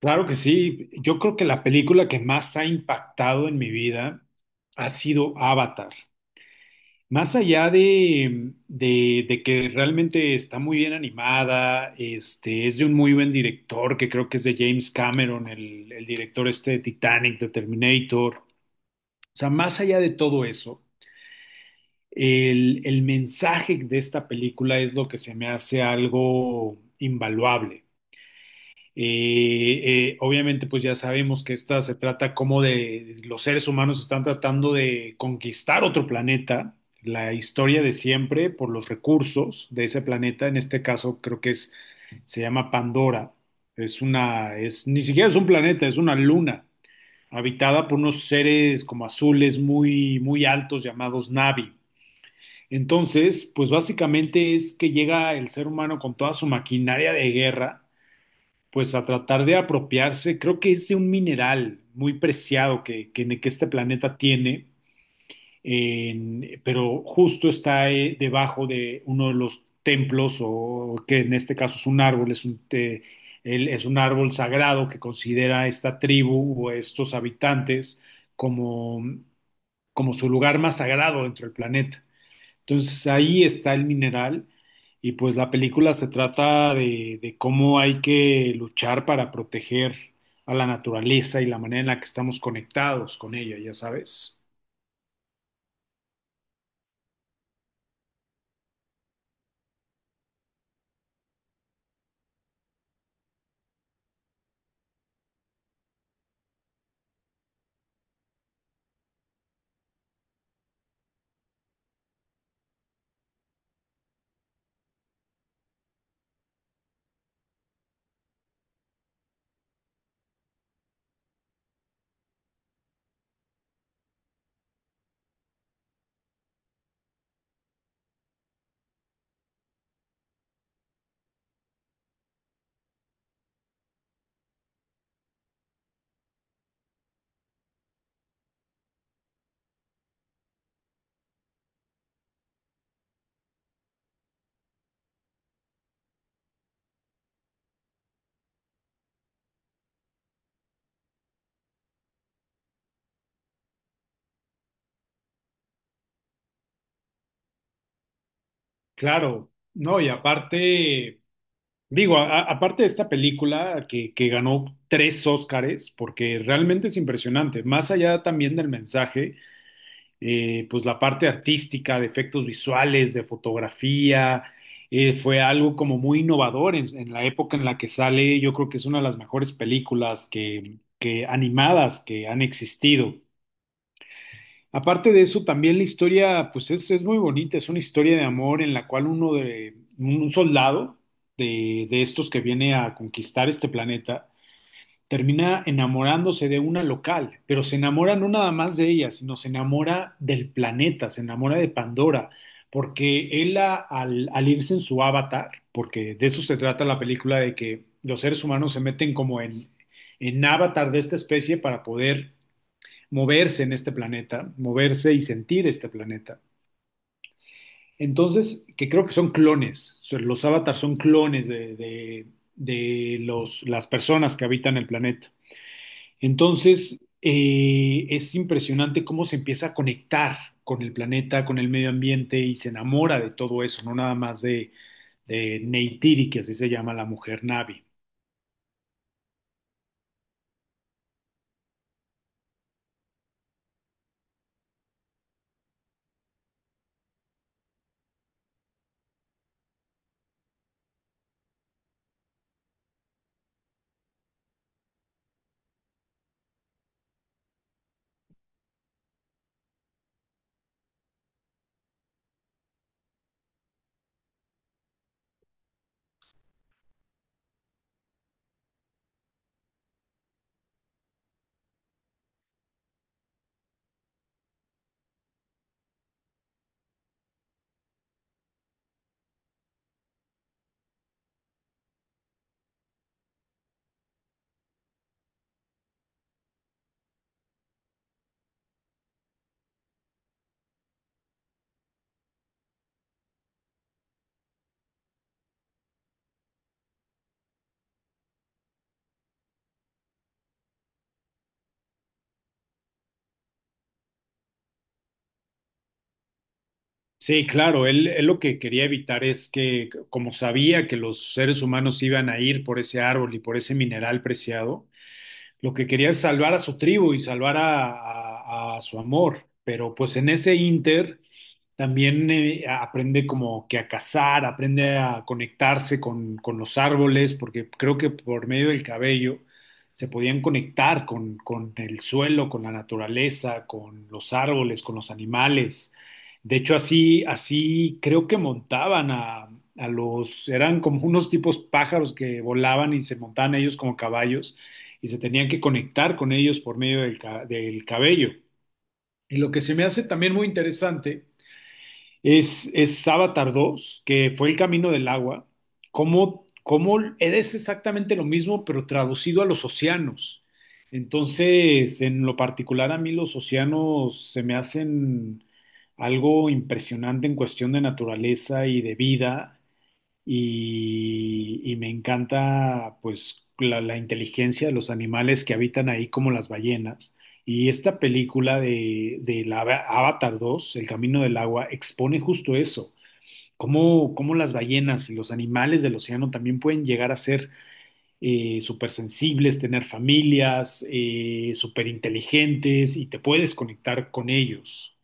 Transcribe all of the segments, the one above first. Claro que sí. Yo creo que la película que más ha impactado en mi vida ha sido Avatar. Más allá de que realmente está muy bien animada, es de un muy buen director, que creo que es de James Cameron, el director este de Titanic, de Terminator. O sea, más allá de todo eso, el mensaje de esta película es lo que se me hace algo invaluable. Obviamente, pues ya sabemos que esta se trata como de los seres humanos están tratando de conquistar otro planeta, la historia de siempre por los recursos de ese planeta. En este caso, se llama Pandora. Ni siquiera es un planeta, es una luna habitada por unos seres como azules muy, muy altos llamados Navi. Entonces, pues básicamente es que llega el ser humano con toda su maquinaria de guerra pues a tratar de apropiarse, creo que es de un mineral muy preciado que este planeta tiene, pero justo está debajo de uno de los templos, o que en este caso es un árbol, es un árbol sagrado que considera esta tribu o estos habitantes como, como su lugar más sagrado dentro del planeta. Entonces ahí está el mineral y pues la película se trata de cómo hay que luchar para proteger a la naturaleza y la manera en la que estamos conectados con ella, ya sabes. Claro, no, y aparte, digo, aparte de esta película que ganó tres Óscares, porque realmente es impresionante, más allá también del mensaje. Pues la parte artística, de efectos visuales, de fotografía, fue algo como muy innovador en la época en la que sale. Yo creo que es una de las mejores películas que animadas que han existido. Aparte de eso, también la historia, es muy bonita, es una historia de amor en la cual uno de un soldado de estos que viene a conquistar este planeta, termina enamorándose de una local, pero se enamora no nada más de ella, sino se enamora del planeta, se enamora de Pandora, porque al irse en su avatar, porque de eso se trata la película, de que los seres humanos se meten en avatar de esta especie para poder moverse en este planeta, moverse y sentir este planeta. Entonces, que creo que son clones, o sea, los avatars son clones de los, las personas que habitan el planeta. Entonces, es impresionante cómo se empieza a conectar con el planeta, con el medio ambiente y se enamora de todo eso, no nada más de Neytiri, que así se llama la mujer Navi. Sí, claro, él lo que quería evitar es que, como sabía que los seres humanos iban a ir por ese árbol y por ese mineral preciado, lo que quería es salvar a su tribu y salvar a, a su amor. Pero pues en ese inter también aprende como que a cazar, aprende a conectarse con los árboles, porque creo que por medio del cabello se podían conectar con el suelo, con la naturaleza, con los árboles, con los animales. De hecho, así creo que montaban a los, eran como unos tipos pájaros que volaban y se montaban ellos como caballos y se tenían que conectar con ellos por medio del cabello. Y lo que se me hace también muy interesante es Avatar dos, que fue El Camino del Agua, cómo, cómo es exactamente lo mismo, pero traducido a los océanos. Entonces, en lo particular, a mí los océanos se me hacen algo impresionante en cuestión de naturaleza y de vida y me encanta pues la inteligencia de los animales que habitan ahí como las ballenas. Y esta película Avatar dos, El Camino del Agua, expone justo eso, cómo, cómo las ballenas y los animales del océano también pueden llegar a ser súper sensibles, tener familias, súper inteligentes y te puedes conectar con ellos,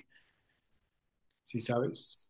¿sí sabes?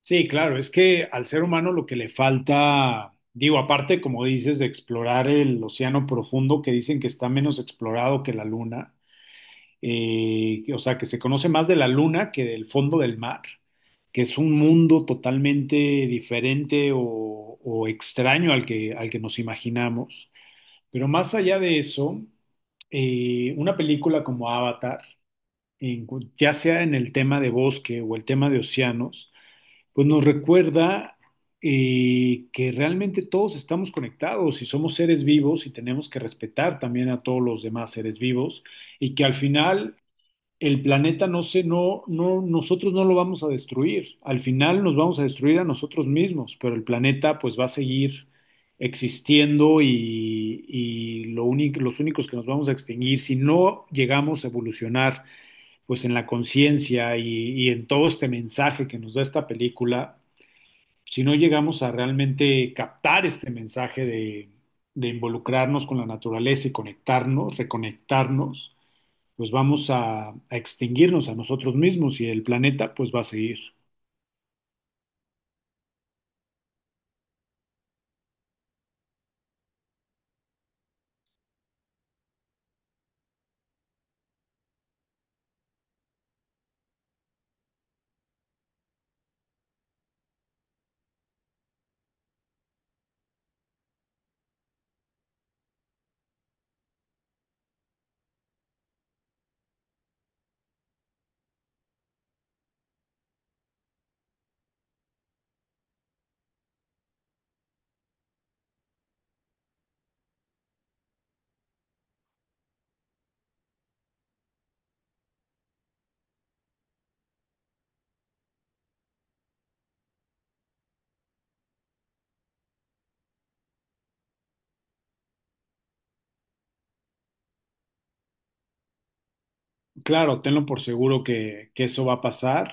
Sí, claro, es que al ser humano lo que le falta, digo, aparte, como dices, de explorar el océano profundo, que dicen que está menos explorado que la luna, o sea, que se conoce más de la luna que del fondo del mar, que es un mundo totalmente diferente o extraño al que nos imaginamos. Pero más allá de eso, una película como Avatar, ya sea en el tema de bosque o el tema de océanos, pues nos recuerda que realmente todos estamos conectados y somos seres vivos y tenemos que respetar también a todos los demás seres vivos y que al final el planeta no, nosotros no lo vamos a destruir. Al final nos vamos a destruir a nosotros mismos, pero el planeta pues va a seguir existiendo y lo único, los únicos que nos vamos a extinguir si no llegamos a evolucionar pues en la conciencia y en todo este mensaje que nos da esta película, si no llegamos a realmente captar este mensaje de involucrarnos con la naturaleza y conectarnos, reconectarnos, pues vamos a extinguirnos a nosotros mismos y el planeta pues va a seguir. Claro, tenlo por seguro que eso va a pasar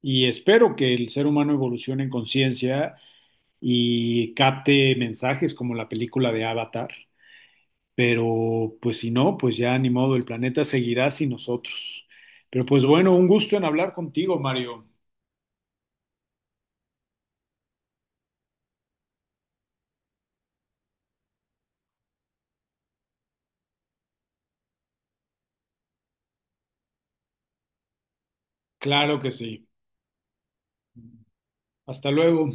y espero que el ser humano evolucione en conciencia y capte mensajes como la película de Avatar, pero pues si no, pues ya ni modo, el planeta seguirá sin nosotros. Pero pues bueno, un gusto en hablar contigo, Mario. Claro que sí. Hasta luego.